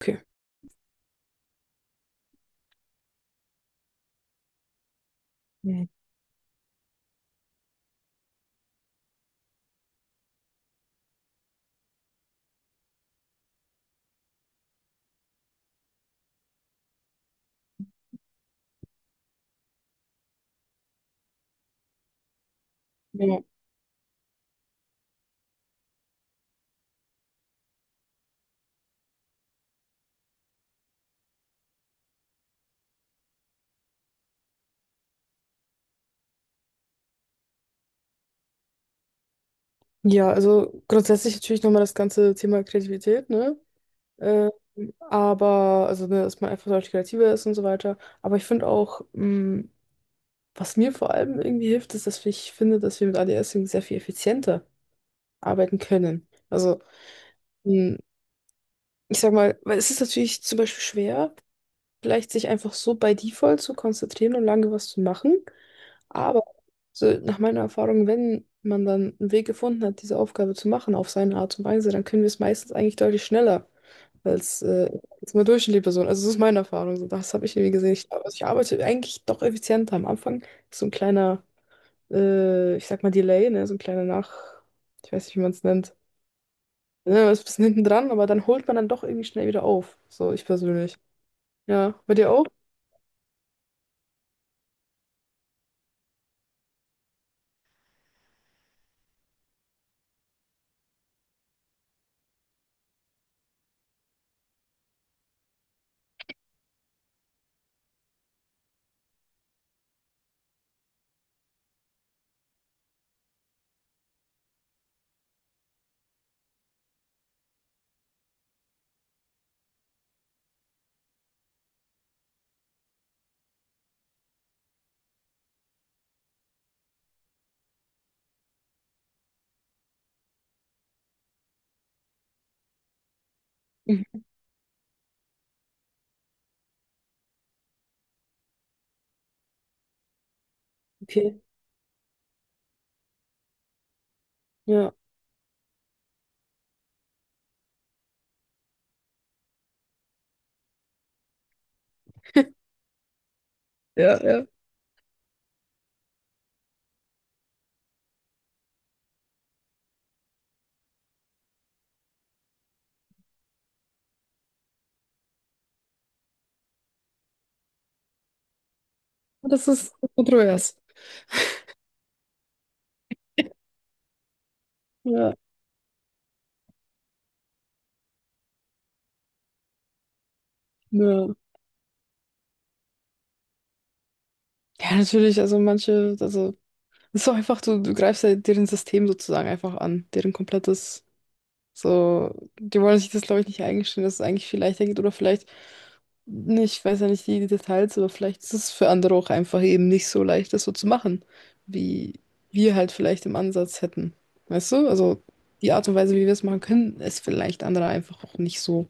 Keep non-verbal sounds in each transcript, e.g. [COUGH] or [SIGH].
Okay. Mhm. Ja, also grundsätzlich natürlich nochmal das ganze Thema Kreativität, ne? Ähm, aber, also, ne, dass man einfach deutlich kreativer ist und so weiter. Aber ich finde auch, was mir vor allem irgendwie hilft, ist, dass ich finde, dass wir mit ADS irgendwie sehr viel effizienter arbeiten können. Also, mh, ich sag mal, weil es ist natürlich zum Beispiel schwer, vielleicht sich einfach so bei Default zu konzentrieren und lange was zu machen. Aber so nach meiner Erfahrung, wenn man dann einen Weg gefunden hat, diese Aufgabe zu machen auf seine Art und Weise, dann können wir es meistens eigentlich deutlich schneller als äh, als eine durchschnittliche Person. Also das ist meine Erfahrung. So, das habe ich irgendwie gesehen. Ich, also ich arbeite eigentlich doch effizienter. Am Anfang ist so ein kleiner, ich sag mal Delay, ne? So ein kleiner ich weiß nicht, wie man es nennt. Ne, man ist ein bisschen hinten dran, aber dann holt man dann doch irgendwie schnell wieder auf. So, ich persönlich. Ja, bei dir auch? Okay. Ja. Ja, ja. Das ist kontrovers. Ja. Ja. Ja, natürlich, also manche, also es ist auch einfach, du greifst ja deren System sozusagen einfach an, deren komplettes, so, die wollen sich das, glaube ich, nicht eingestehen, dass es eigentlich viel leichter geht oder vielleicht, nicht, ich weiß ja nicht die Details, aber vielleicht ist es für andere auch einfach eben nicht so leicht, das so zu machen, wie wir halt vielleicht im Ansatz hätten. Weißt du? Also die Art und Weise, wie wir es machen können, ist vielleicht andere einfach auch nicht so.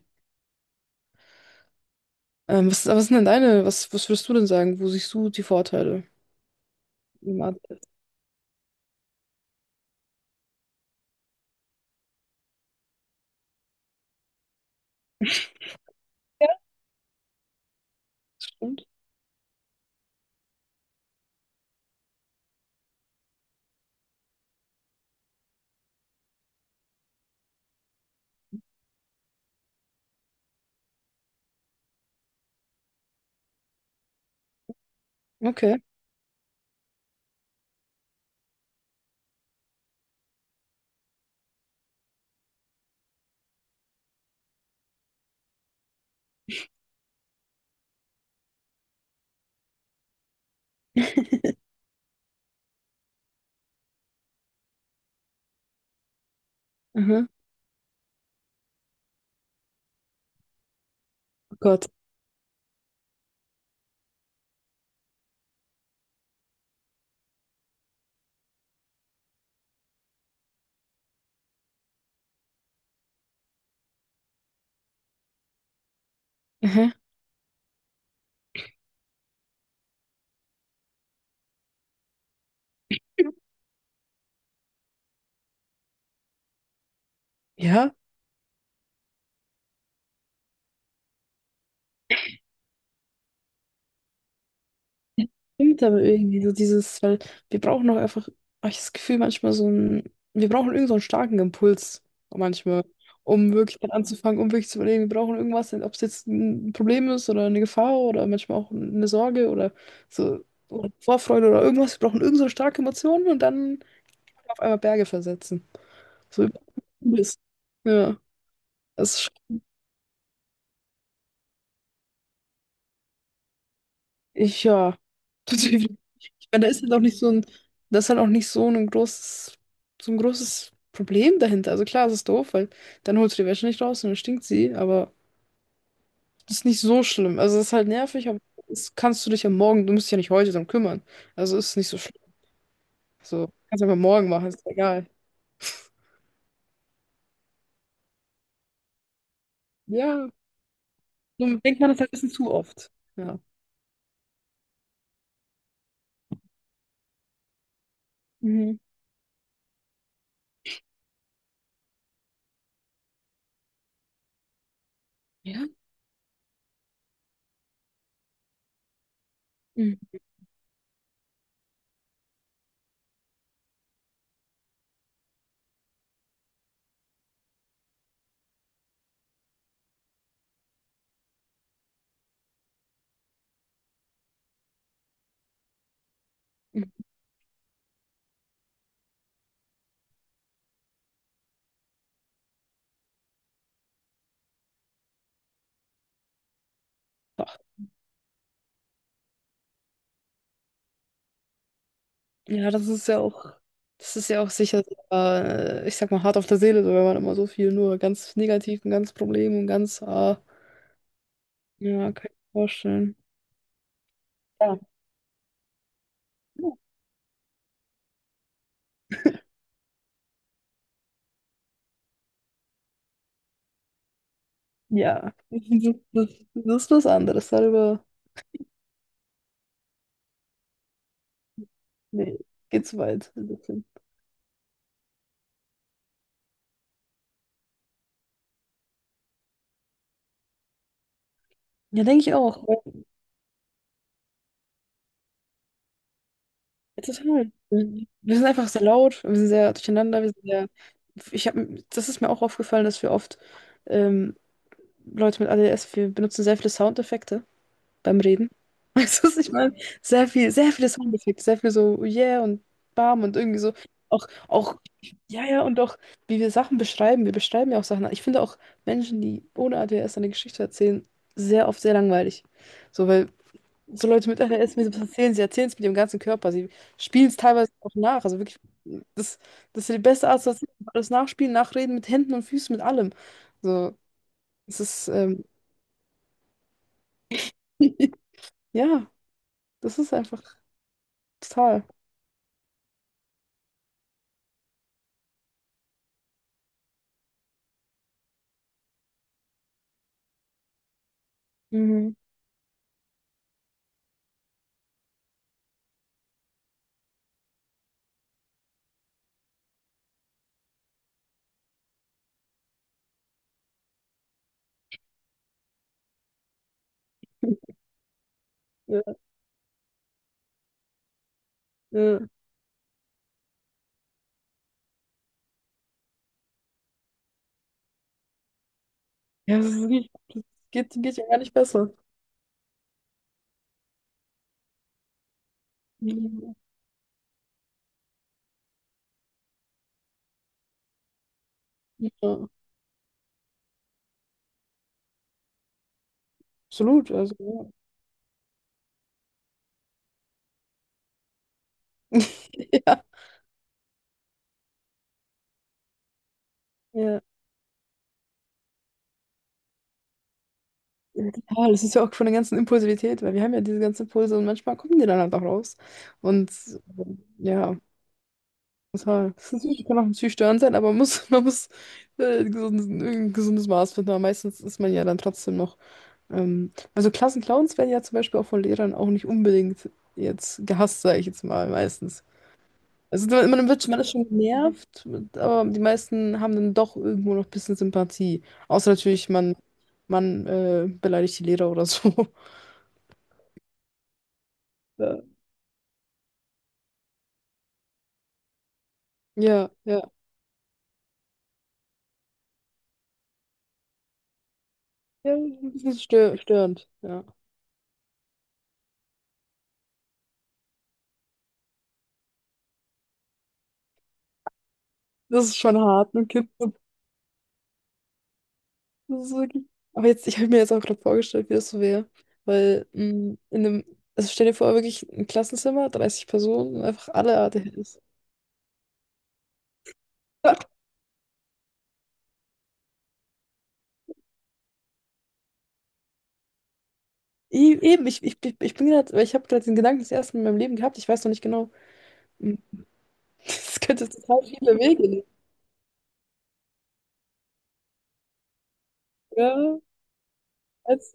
Was sind denn deine, was würdest du denn sagen? Wo siehst du die Vorteile, im Ansatz? Ja, stimmt. Okay. Aha. Oh Gott. Aha. Ja. Stimmt aber irgendwie so dieses, weil wir brauchen doch einfach, hab ich das Gefühl, manchmal so ein, wir brauchen irgend so einen starken Impuls manchmal, um wirklich dann anzufangen, um wirklich zu überlegen, wir brauchen irgendwas, ob es jetzt ein Problem ist oder eine Gefahr oder manchmal auch eine Sorge oder so oder Vorfreude oder irgendwas. Wir brauchen irgend so eine starke Emotion und dann auf einmal Berge versetzen. So ist. Ja, das ist ich, ja, [LAUGHS] tatsächlich. Ich meine, da ist halt auch nicht so ein, das ist halt auch nicht so ein großes, so ein großes Problem dahinter. Also klar, es ist doof, weil dann holst du die Wäsche nicht raus und dann stinkt sie, aber das ist nicht so schlimm. Also es ist halt nervig, aber das kannst du dich am Morgen, du musst dich ja nicht heute drum kümmern. Also ist nicht so schlimm. So, kannst du einfach morgen machen, ist egal. Ja, so denkt man das halt ein bisschen zu oft. Ja. Mhm. Ja. Mhm. Ja, das ist ja auch, das ist ja auch sicher, ich sag mal, hart auf der Seele, so, wenn man immer so viel nur ganz negativ und ganz Problem und ganz, ja, kann ich mir vorstellen. Ja. Ja, [LAUGHS] das, das ist was anderes. Darüber, nee, geht zu weit, ein bisschen. Ja, denke ich auch. Total. Wir sind einfach sehr laut, wir sind sehr durcheinander, wir sind sehr. Ich habe, das ist mir auch aufgefallen, dass wir oft ähm, Leute mit ADS, wir benutzen sehr viele Soundeffekte beim Reden. [LAUGHS] Also ich meine, sehr viel, sehr viele Soundeffekte, sehr viel so yeah und bam und irgendwie so. Auch, auch, ja, ja, und auch, wie wir Sachen beschreiben. Wir beschreiben ja auch Sachen. Ich finde auch Menschen, die ohne ADHS eine Geschichte erzählen, sehr oft sehr langweilig. So, weil so Leute mit ADHS, wenn sie was erzählen, sie erzählen es mit ihrem ganzen Körper. Sie spielen es teilweise auch nach. Also wirklich, das, das ist ja die beste Art, das alles nachspielen, nachreden mit Händen und Füßen, mit allem. So, es ist, [LAUGHS] ja, das ist einfach total. Mhm. [LAUGHS] Ja, ja. Ja, es ist wirklich, geht, geht ja gar nicht besser. Mhm. Ja, absolut. Also, ja. [LAUGHS] Ja. Ja. Ja, das ist ja auch von der ganzen Impulsivität, weil wir haben ja diese ganzen Impulse und manchmal kommen die dann halt auch raus. Und äh, ja, total. Das ist natürlich, [LAUGHS] kann auch natürlich störend sein, aber man muss, [LAUGHS] man muss ein gesundes Maß finden. Aber meistens ist man ja dann trotzdem noch. Also Klassenclowns werden ja zum Beispiel auch von Lehrern auch nicht unbedingt jetzt gehasst, sage ich jetzt mal, meistens. Also man wird, man ist schon genervt, aber die meisten haben dann doch irgendwo noch ein bisschen Sympathie. Außer natürlich, man beleidigt die Lehrer oder so. [LAUGHS] Ja, ja. Ja, ja, ein bisschen störend, ja. Das ist schon hart, ein Kind. Das ist wirklich. Aber jetzt, ich habe mir jetzt auch gerade vorgestellt, wie das so wäre. Weil in einem, also stell dir vor, wirklich ein Klassenzimmer, 30 Personen, einfach alle ADHS. [LAUGHS] Eben, ich bin gerade, ich habe gerade den Gedanken das erste Mal in meinem Leben gehabt, ich weiß noch nicht genau, mh, das könnte total viele Wege nehmen. Ja, als,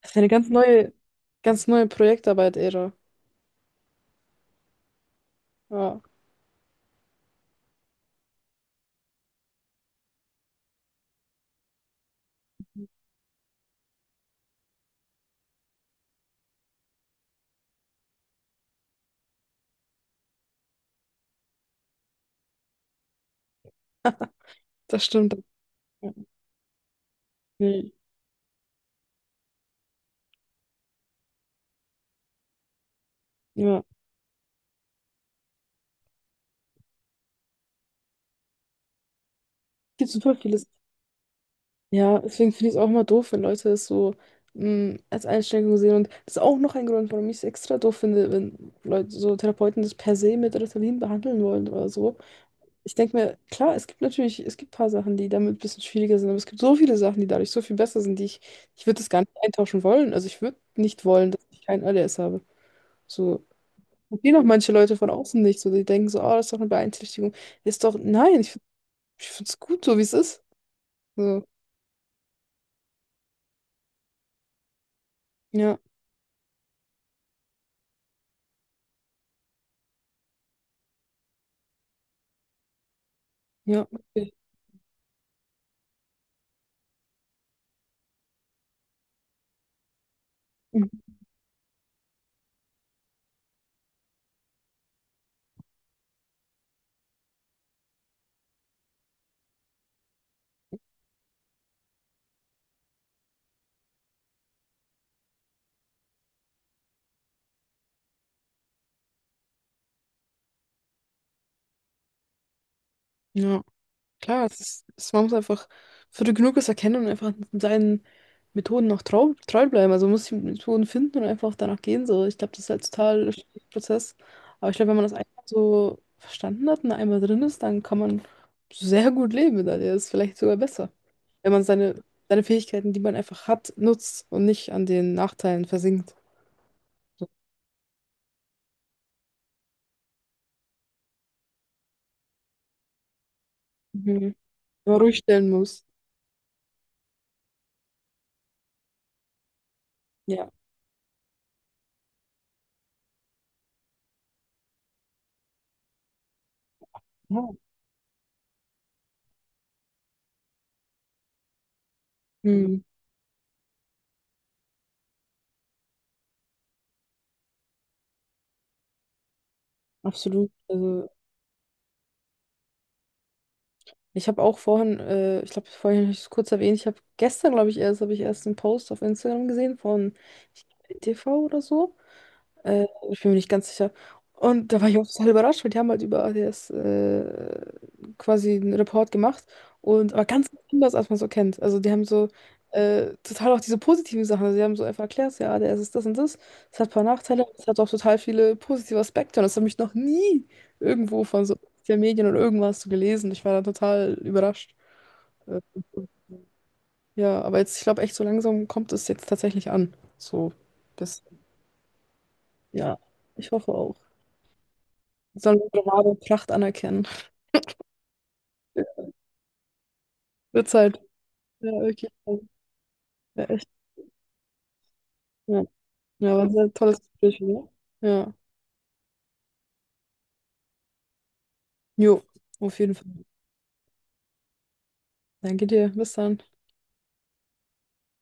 das ist eine ganz neue Projektarbeit-Ära. Ja, [LAUGHS] das stimmt. Ja. Nee, ja. Es gibt super vieles. Ja, deswegen finde ich es auch mal doof, wenn Leute es so als Einschränkung sehen. Und das ist auch noch ein Grund, warum ich es extra doof finde, wenn Leute, so Therapeuten das per se mit Ritalin behandeln wollen oder so. Ich denke mir, klar, es gibt natürlich, es gibt ein paar Sachen, die damit ein bisschen schwieriger sind, aber es gibt so viele Sachen, die dadurch so viel besser sind, die ich, ich würde das gar nicht eintauschen wollen. Also ich würde nicht wollen, dass ich kein ADS habe. So, verstehen auch manche Leute von außen nicht. So, die denken so, oh, das ist doch eine Beeinträchtigung. Ist doch, nein, ich ich finde es gut, so wie es ist. So, ja, ja. Okay. Mhm. Ja. Klar, es ist, es, man muss einfach früh genug es erkennen und einfach seinen Methoden auch treu bleiben. Also man muss die Methoden finden und einfach danach gehen. So, ich glaube, das ist halt total ein Prozess. Aber ich glaube, wenn man das einmal so verstanden hat und einmal drin ist, dann kann man sehr gut leben mit der Idee. Das ist vielleicht sogar besser, wenn man seine Fähigkeiten, die man einfach hat, nutzt und nicht an den Nachteilen versinkt. So. Mhm. Wenn man ruhig stellen muss. Ja. Ja. Mhm. Absolut. Also ich habe auch vorhin, ich glaube, vorhin habe ich es kurz erwähnt, ich habe gestern, glaube ich, erst, habe ich erst einen Post auf Instagram gesehen von ich, TV oder so. Ich bin mir nicht ganz sicher. Und da war ich auch total überrascht, weil die haben halt über ADS quasi einen Report gemacht. Und aber ganz anders, als man so kennt. Also die haben so total auch diese positiven Sachen. Also die haben so einfach erklärt, ja, ADS ist das und das. Es hat ein paar Nachteile, aber es hat auch total viele positive Aspekte. Und das habe ich noch nie irgendwo von so den Medien oder irgendwas so gelesen. Ich war da total überrascht. Äh, ja, aber jetzt, ich glaube echt, so langsam kommt es jetzt tatsächlich an. So, das, ja, ich hoffe auch. Sollen unsere wahre Pracht anerkennen. Wird Zeit. Ja, wirklich. Ja, echt. Ja, ja, war ein sehr tolles Gespräch, oder? Ja. Jo, auf jeden Fall. Danke dir. Bis dann.